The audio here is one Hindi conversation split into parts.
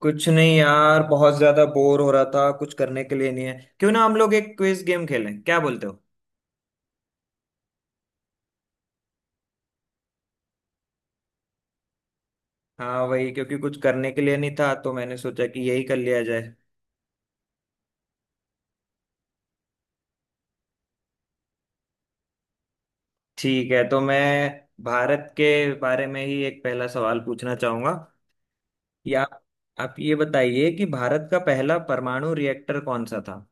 कुछ नहीं यार, बहुत ज्यादा बोर हो रहा था। कुछ करने के लिए नहीं है। क्यों ना हम लोग एक क्विज गेम खेलें, क्या बोलते हो? हाँ वही, क्योंकि कुछ करने के लिए नहीं था तो मैंने सोचा कि यही कर लिया जाए। ठीक है, तो मैं भारत के बारे में ही एक पहला सवाल पूछना चाहूंगा। या आप ये बताइए कि भारत का पहला परमाणु रिएक्टर कौन सा था?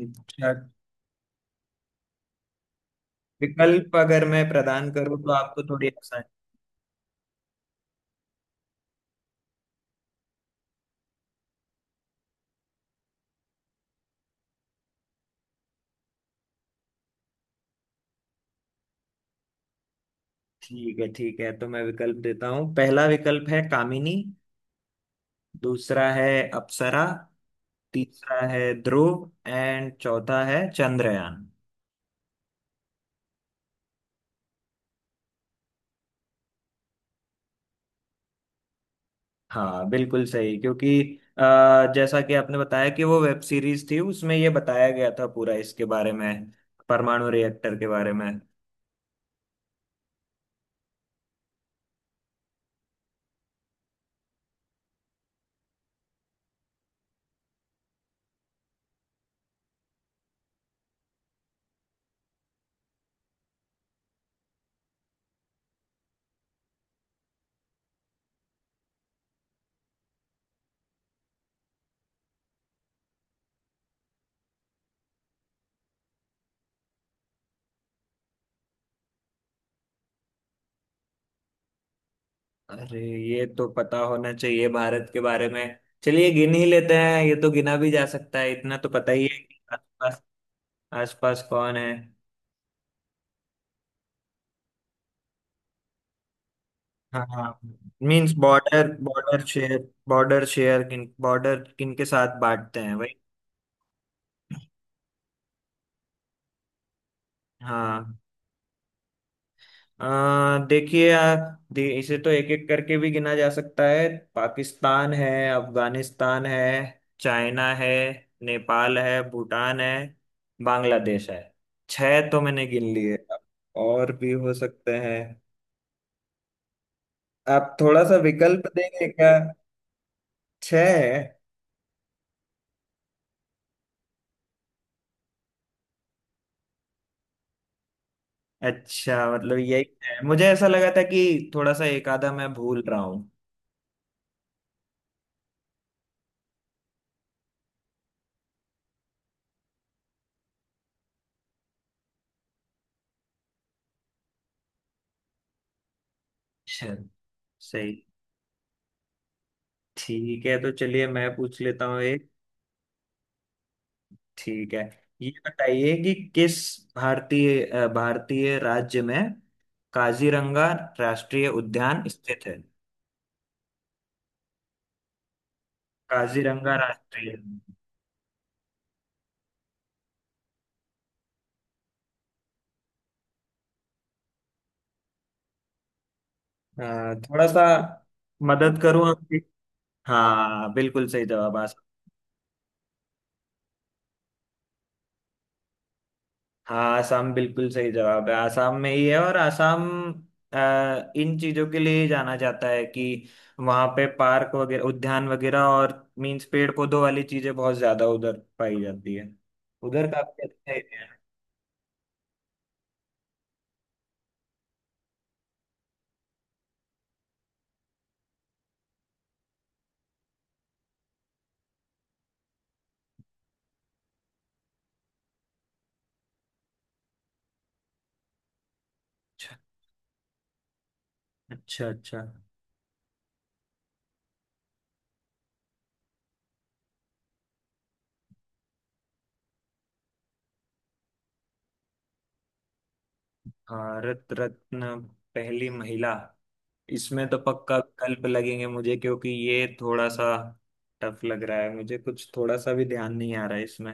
अच्छा, विकल्प अगर मैं प्रदान करूँ तो आपको थोड़ी आसान। ठीक है ठीक है, तो मैं विकल्प देता हूँ। पहला विकल्प है कामिनी, दूसरा है अप्सरा, तीसरा है ध्रुव एंड चौथा है चंद्रयान। हाँ बिल्कुल सही, क्योंकि जैसा कि आपने बताया कि वो वेब सीरीज थी, उसमें ये बताया गया था पूरा इसके बारे में, परमाणु रिएक्टर के बारे में। अरे, ये तो पता होना चाहिए भारत के बारे में। चलिए गिन ही लेते हैं, ये तो गिना भी जा सकता है। इतना तो पता ही है कि आसपास, आसपास कौन है। हाँ, means border, border share, border share, किन बॉर्डर, किन के साथ बांटते हैं भाई। हाँ, देखिए, इसे तो एक एक करके भी गिना जा सकता है। पाकिस्तान है, अफगानिस्तान है, चाइना है, नेपाल है, भूटान है, बांग्लादेश है। छह तो मैंने गिन लिए, अब और भी हो सकते हैं। आप थोड़ा सा विकल्प देंगे क्या? छह है? अच्छा, मतलब यही है। मुझे ऐसा लगा था कि थोड़ा सा एक आधा मैं भूल रहा हूँ। अच्छा, सही। ठीक है तो चलिए, मैं पूछ लेता हूँ। ठीक है, ये बताइए कि किस भारतीय भारतीय राज्य में काजीरंगा राष्ट्रीय उद्यान स्थित है? काजीरंगा राष्ट्रीय, थोड़ा सा मदद करूं आपकी? हाँ बिल्कुल सही जवाब, आसाम। हाँ आसाम, बिल्कुल सही जवाब है, आसाम में ही है। और आसाम इन चीजों के लिए ही जाना जाता है कि वहां पे पार्क वगैरह, उद्यान वगैरह, और मीन्स पेड़ पौधों वाली चीजें बहुत ज्यादा उधर पाई जाती है। उधर काफी अच्छा है। अच्छा अच्छा। अच्छा, भारत रत्न, पहली महिला। इसमें तो पक्का विकल्प लगेंगे मुझे, क्योंकि ये थोड़ा सा टफ लग रहा है मुझे। कुछ थोड़ा सा भी ध्यान नहीं आ रहा है इसमें।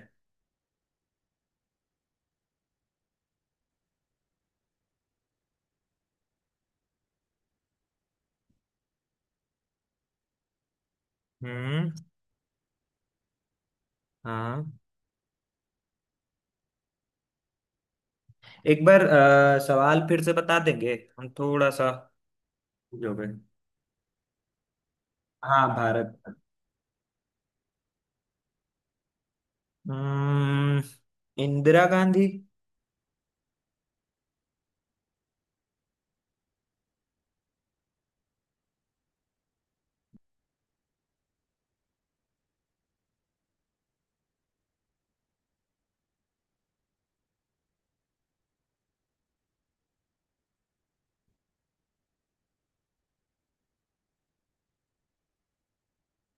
हम्म। हाँ, एक बार सवाल फिर से बता देंगे? हम थोड़ा सा हो गए। हाँ भारत। हम्म, इंदिरा गांधी।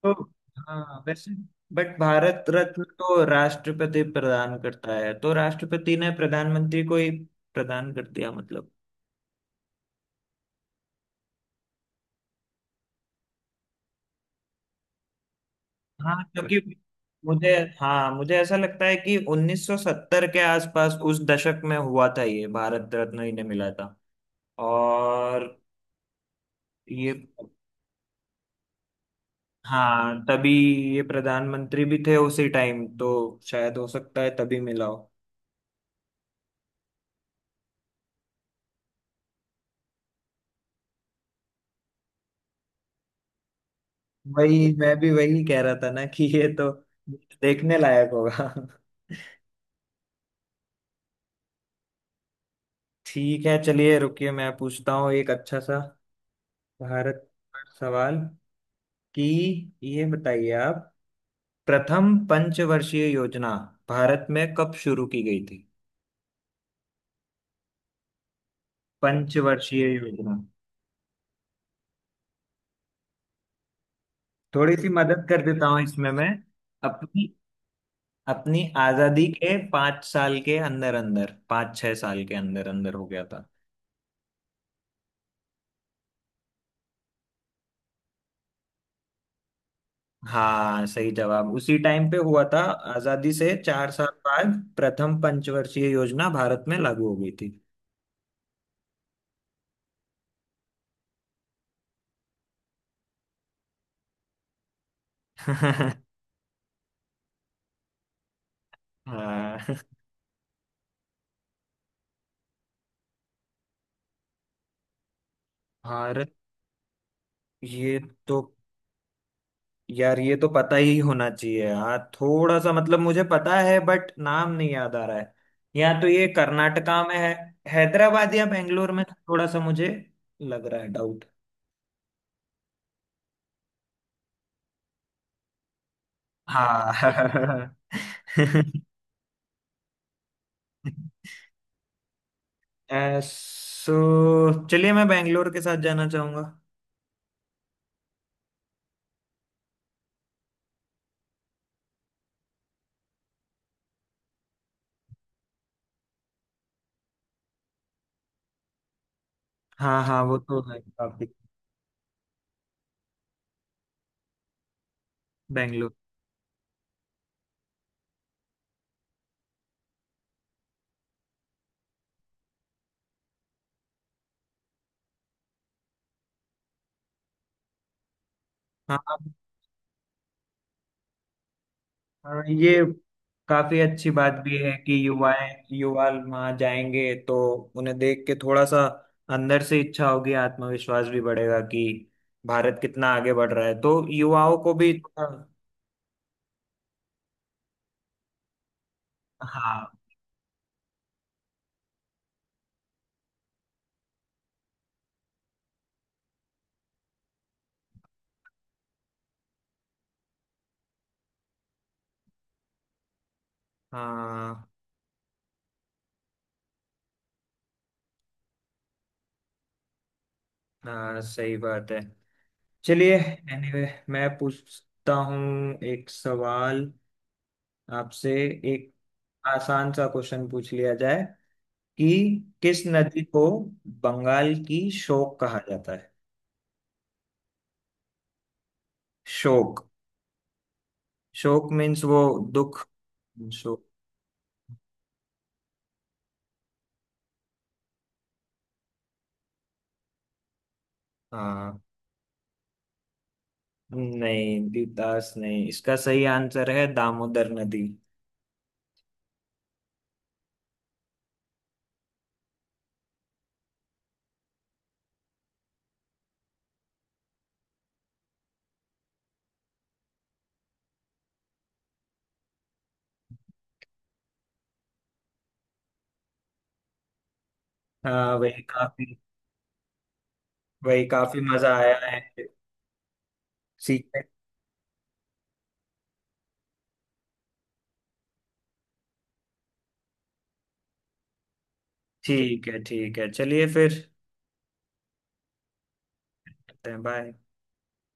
तो हाँ वैसे, बट भारत रत्न तो राष्ट्रपति प्रदान करता है, तो राष्ट्रपति ने प्रधानमंत्री को ही प्रदान कर दिया मतलब। हाँ क्योंकि मुझे हाँ मुझे ऐसा लगता है कि 1970 के आसपास, उस दशक में हुआ था ये भारत रत्न इन्हें मिला था। और ये, हाँ तभी, ये प्रधानमंत्री भी थे उसी टाइम तो शायद हो सकता है तभी मिला हो। वही मैं भी वही कह रहा था ना कि ये तो देखने लायक होगा। ठीक है चलिए, रुकिए मैं पूछता हूँ एक अच्छा सा भारत पर सवाल कि ये बताइए आप, प्रथम पंचवर्षीय योजना भारत में कब शुरू की गई थी? पंचवर्षीय योजना, थोड़ी सी मदद कर देता हूँ इसमें मैं। अपनी अपनी आजादी के पांच साल के अंदर अंदर, पांच छह साल के अंदर अंदर हो गया था। हाँ सही जवाब, उसी टाइम पे हुआ था। आजादी से चार साल बाद प्रथम पंचवर्षीय योजना भारत में लागू हो गई थी। हाँ। हार, ये तो, यार ये तो पता ही होना चाहिए। हाँ थोड़ा सा, मतलब मुझे पता है बट नाम नहीं याद आ रहा है। या तो ये कर्नाटका में है, हैदराबाद या बेंगलोर में, थोड़ा सा मुझे लग रहा है डाउट। हाँ। सो चलिए, मैं बेंगलोर के साथ जाना चाहूंगा। हाँ हाँ वो तो है काफी। बेंगलोर। हाँ, हाँ, ये काफी अच्छी बात भी है कि युवाएं, युवा वहां जाएंगे तो उन्हें देख के थोड़ा सा अंदर से इच्छा होगी, आत्मविश्वास भी बढ़ेगा कि भारत कितना आगे बढ़ रहा है। तो युवाओं को भी थोड़ा-। हाँ हाँ। हाँ सही बात है चलिए। एनीवे, मैं पूछता हूँ एक सवाल आपसे। एक आसान सा क्वेश्चन पूछ लिया जाए कि किस नदी को बंगाल की शोक कहा जाता है? शोक, शोक मीन्स वो दुख, शोक। हाँ। नहीं, द्वितास नहीं, इसका सही आंसर है दामोदर नदी। हाँ वही काफी, वही काफी मजा आया है। ठीक है ठीक है, ठीक है चलिए फिर, बाय।